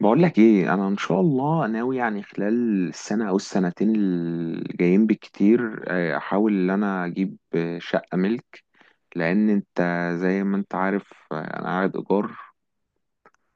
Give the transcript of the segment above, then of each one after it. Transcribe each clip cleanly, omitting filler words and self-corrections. بقول لك ايه، انا ان شاء الله ناوي يعني خلال السنه او السنتين الجايين بالكتير، احاول ان انا اجيب شقه ملك. لان انت، زي ما انت عارف، انا قاعد ايجار.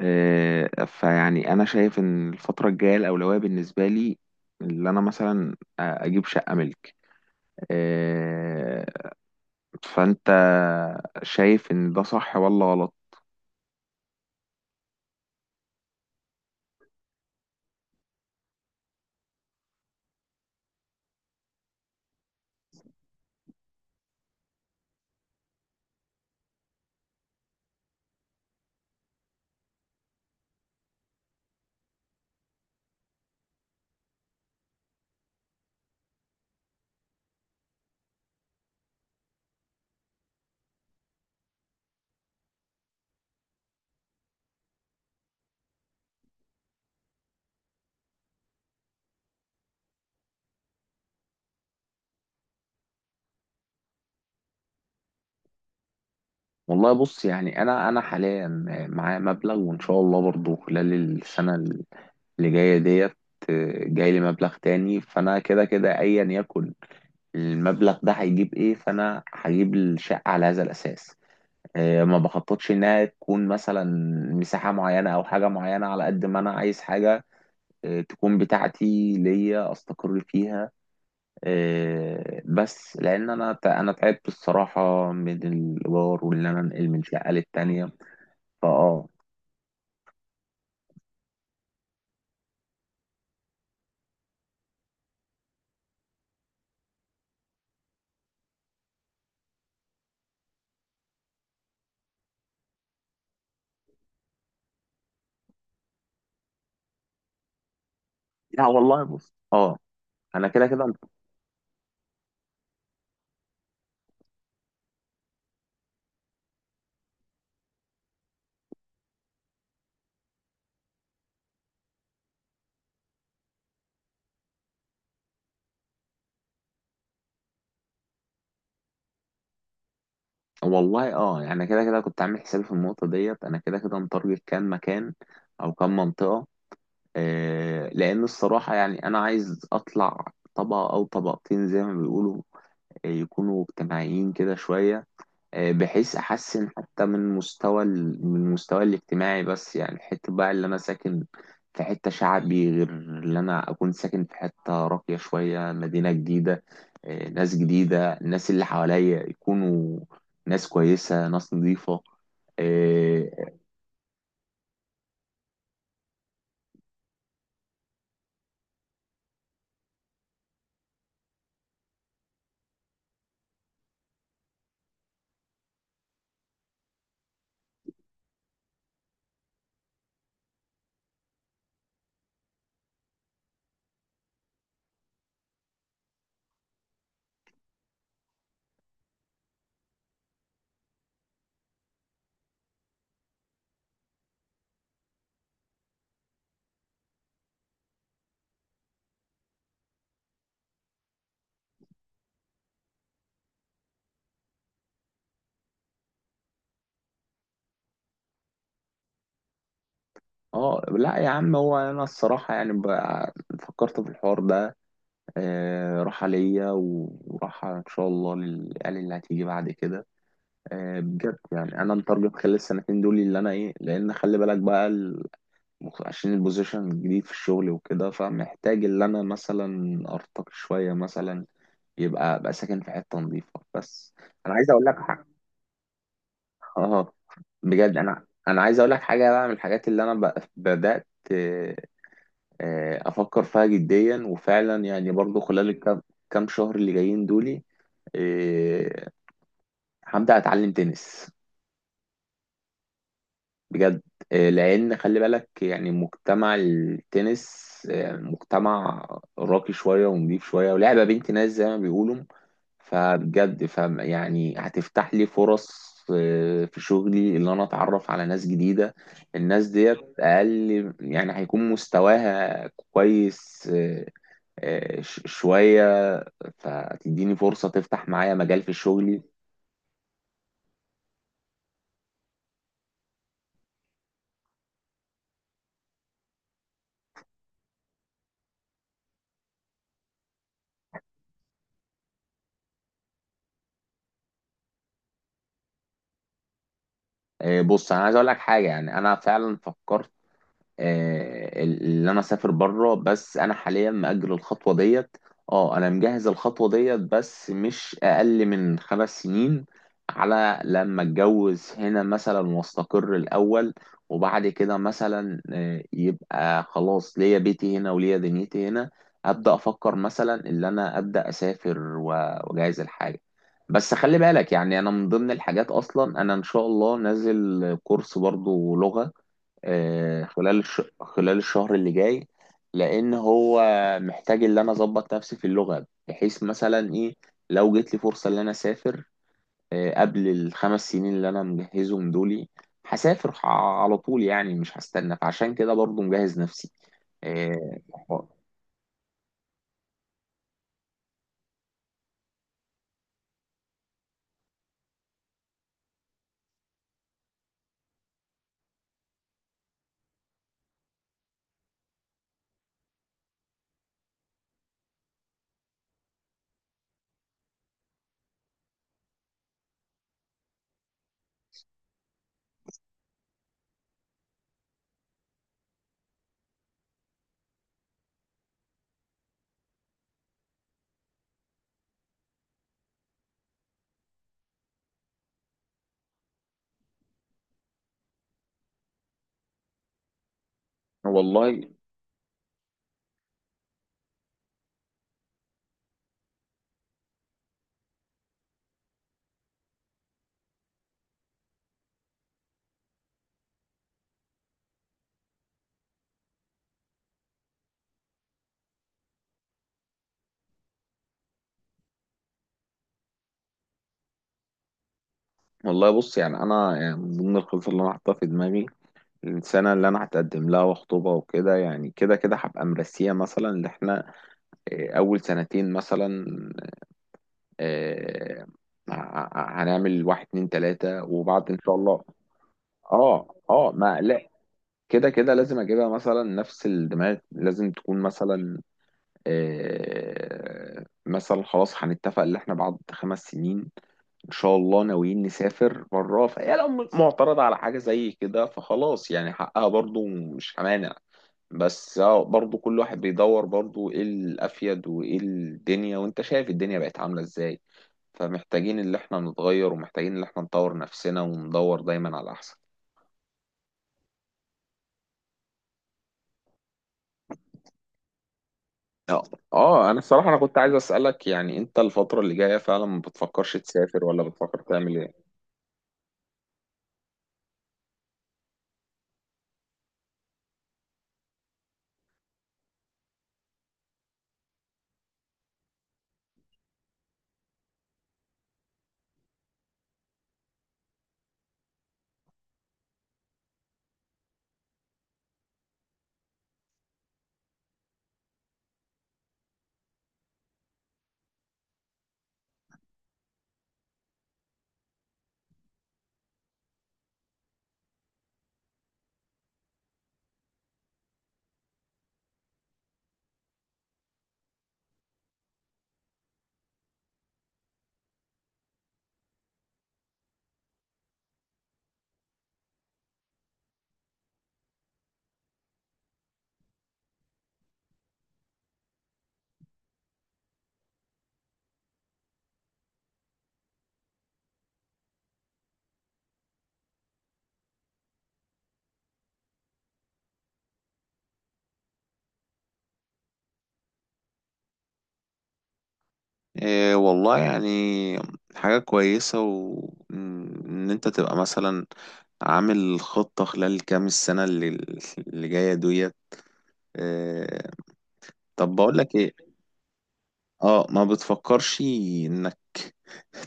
فيعني انا شايف ان الفتره الجايه الاولويه بالنسبه لي، اللي انا مثلا اجيب شقه ملك. آه، فانت شايف ان ده صح ولا غلط؟ والله بص، يعني انا حاليا معايا مبلغ، وان شاء الله برضه خلال السنه اللي جاية ديت جاي لي مبلغ تاني. فانا كده كده ايا يكن المبلغ ده هيجيب ايه، فانا هجيب الشقة على هذا الاساس. ما بخططش انها تكون مثلا مساحة معينة او حاجة معينة، على قد ما انا عايز حاجة تكون بتاعتي ليا استقر فيها. بس لان انا تعبت الصراحة من الايجار، وان انا انقل من شقة للتانية. فاه لا والله بص، اه، انا كده كده. والله اه، يعني كده كده كنت عامل حسابي في النقطة ديت، انا كده كده متارجت كان مكان او كان منطقة. لان الصراحة يعني انا عايز اطلع طبقة او طبقتين زي ما بيقولوا. يكونوا اجتماعيين كده شوية. بحيث احسن حتى من مستوى من المستوى الاجتماعي، بس يعني حته بقى اللي انا ساكن في حته شعبي، غير اللي انا اكون ساكن في حته راقيه شويه، مدينه جديده. ناس جديده، الناس اللي حواليا يكونوا ناس كويسه، ناس نظيفه. اه. لا يا عم، هو انا الصراحه يعني بقى فكرت في الحوار ده. راحه ليا وراحه ان شاء الله للعيال اللي هتيجي بعد كده. بجد يعني انا متارجت خلال السنتين دول اللي انا ايه، لان خلي بالك بقى عشان البوزيشن الجديد في الشغل وكده، فمحتاج اللي انا مثلا ارتقي شويه، مثلا يبقى ابقى ساكن في حته نظيفه بس. انا عايز اقول لك حاجه. اه، بجد، انا عايز اقول لك حاجه، بقى من الحاجات اللي انا بدات آه، افكر فيها جديا، وفعلا يعني برضو خلال كام شهر اللي جايين دولي. آه، هبدا اتعلم تنس بجد. لان خلي بالك يعني مجتمع التنس، مجتمع راقي شويه ونضيف شويه، ولعبه بنت ناس زي ما بيقولوا. فبجد، يعني هتفتح لي فرص في شغلي، اللي انا اتعرف على ناس جديده. الناس ديت اقل يعني هيكون مستواها كويس. شويه فتديني فرصه، تفتح معايا مجال في شغلي. بص انا عايز اقول لك حاجه، يعني انا فعلا فكرت اللي انا اسافر بره، بس انا حاليا مأجل الخطوه ديت. اه، انا مجهز الخطوه ديت بس مش اقل من 5 سنين، على لما اتجوز هنا مثلا واستقر الاول، وبعد كده مثلا يبقى خلاص ليا بيتي هنا وليا دنيتي هنا. ابدا افكر مثلا ان انا ابدا اسافر واجهز الحاجه. بس خلي بالك يعني انا من ضمن الحاجات، اصلا انا ان شاء الله نازل كورس برضو لغه خلال خلال الشهر اللي جاي. لان هو محتاج ان انا اظبط نفسي في اللغه، بحيث مثلا ايه لو جت لي فرصه ان انا اسافر قبل الخمس سنين اللي انا مجهزهم دولي، هسافر على طول يعني مش هستنى. فعشان كده برضو مجهز نفسي. آه، والله والله بص، يعني انا يعني من ضمن الخطط اللي انا حاطها في دماغي، السنه اللي انا هتقدم لها وخطوبه وكده، يعني كده كده هبقى مرسيه مثلا ان احنا إيه، اول سنتين مثلا آه، هنعمل واحد اتنين تلاتة، وبعد ان شاء الله اه، اه، ما لا، كده كده لازم اجيبها مثلا نفس الدماغ، لازم تكون مثلا مثلا خلاص هنتفق ان احنا بعد 5 سنين ان شاء الله ناويين نسافر بره، فهي لو معترضة على حاجة زي كده، فخلاص يعني حقها برضو، مش همانع. بس اه، برضو كل واحد بيدور برضو ايه الافيد وايه الدنيا، وانت شايف الدنيا بقت عاملة ازاي. فمحتاجين اللي احنا نتغير، ومحتاجين اللي احنا نطور نفسنا وندور دايما على احسن. اه، اه، انا الصراحة انا كنت عايز اسألك، يعني انت الفترة اللي جاية فعلا ما بتفكرش تسافر ولا بتفكر تعمل ايه؟ إيه والله، يعني حاجة كويسة، وإن أنت تبقى مثلا عامل خطة خلال كام السنة اللي جاية ديت. إيه. طب بقولك إيه. ما بتفكرش إنك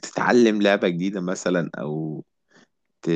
تتعلم لعبة جديدة مثلا، أو ت...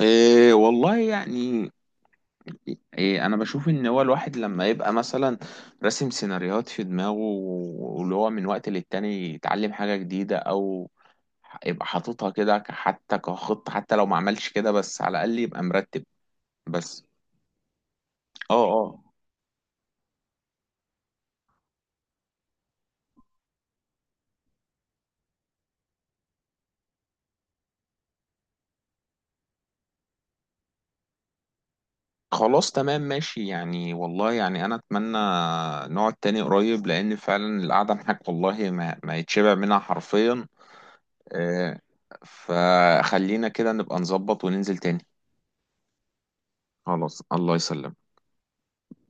إيه والله يعني إيه، انا بشوف ان هو الواحد لما يبقى مثلا راسم سيناريوهات في دماغه، واللي هو من وقت للتاني يتعلم حاجة جديدة، او يبقى حاططها كده حتى كخطة، حتى لو ما عملش كده بس على الاقل يبقى مرتب بس. اه، اه، خلاص تمام ماشي، يعني والله يعني انا اتمنى نقعد تاني قريب، لان فعلا القعدة معاك والله ما يتشبع منها حرفيا. إيه. فخلينا كده نبقى نظبط وننزل تاني. خلاص الله يسلمك.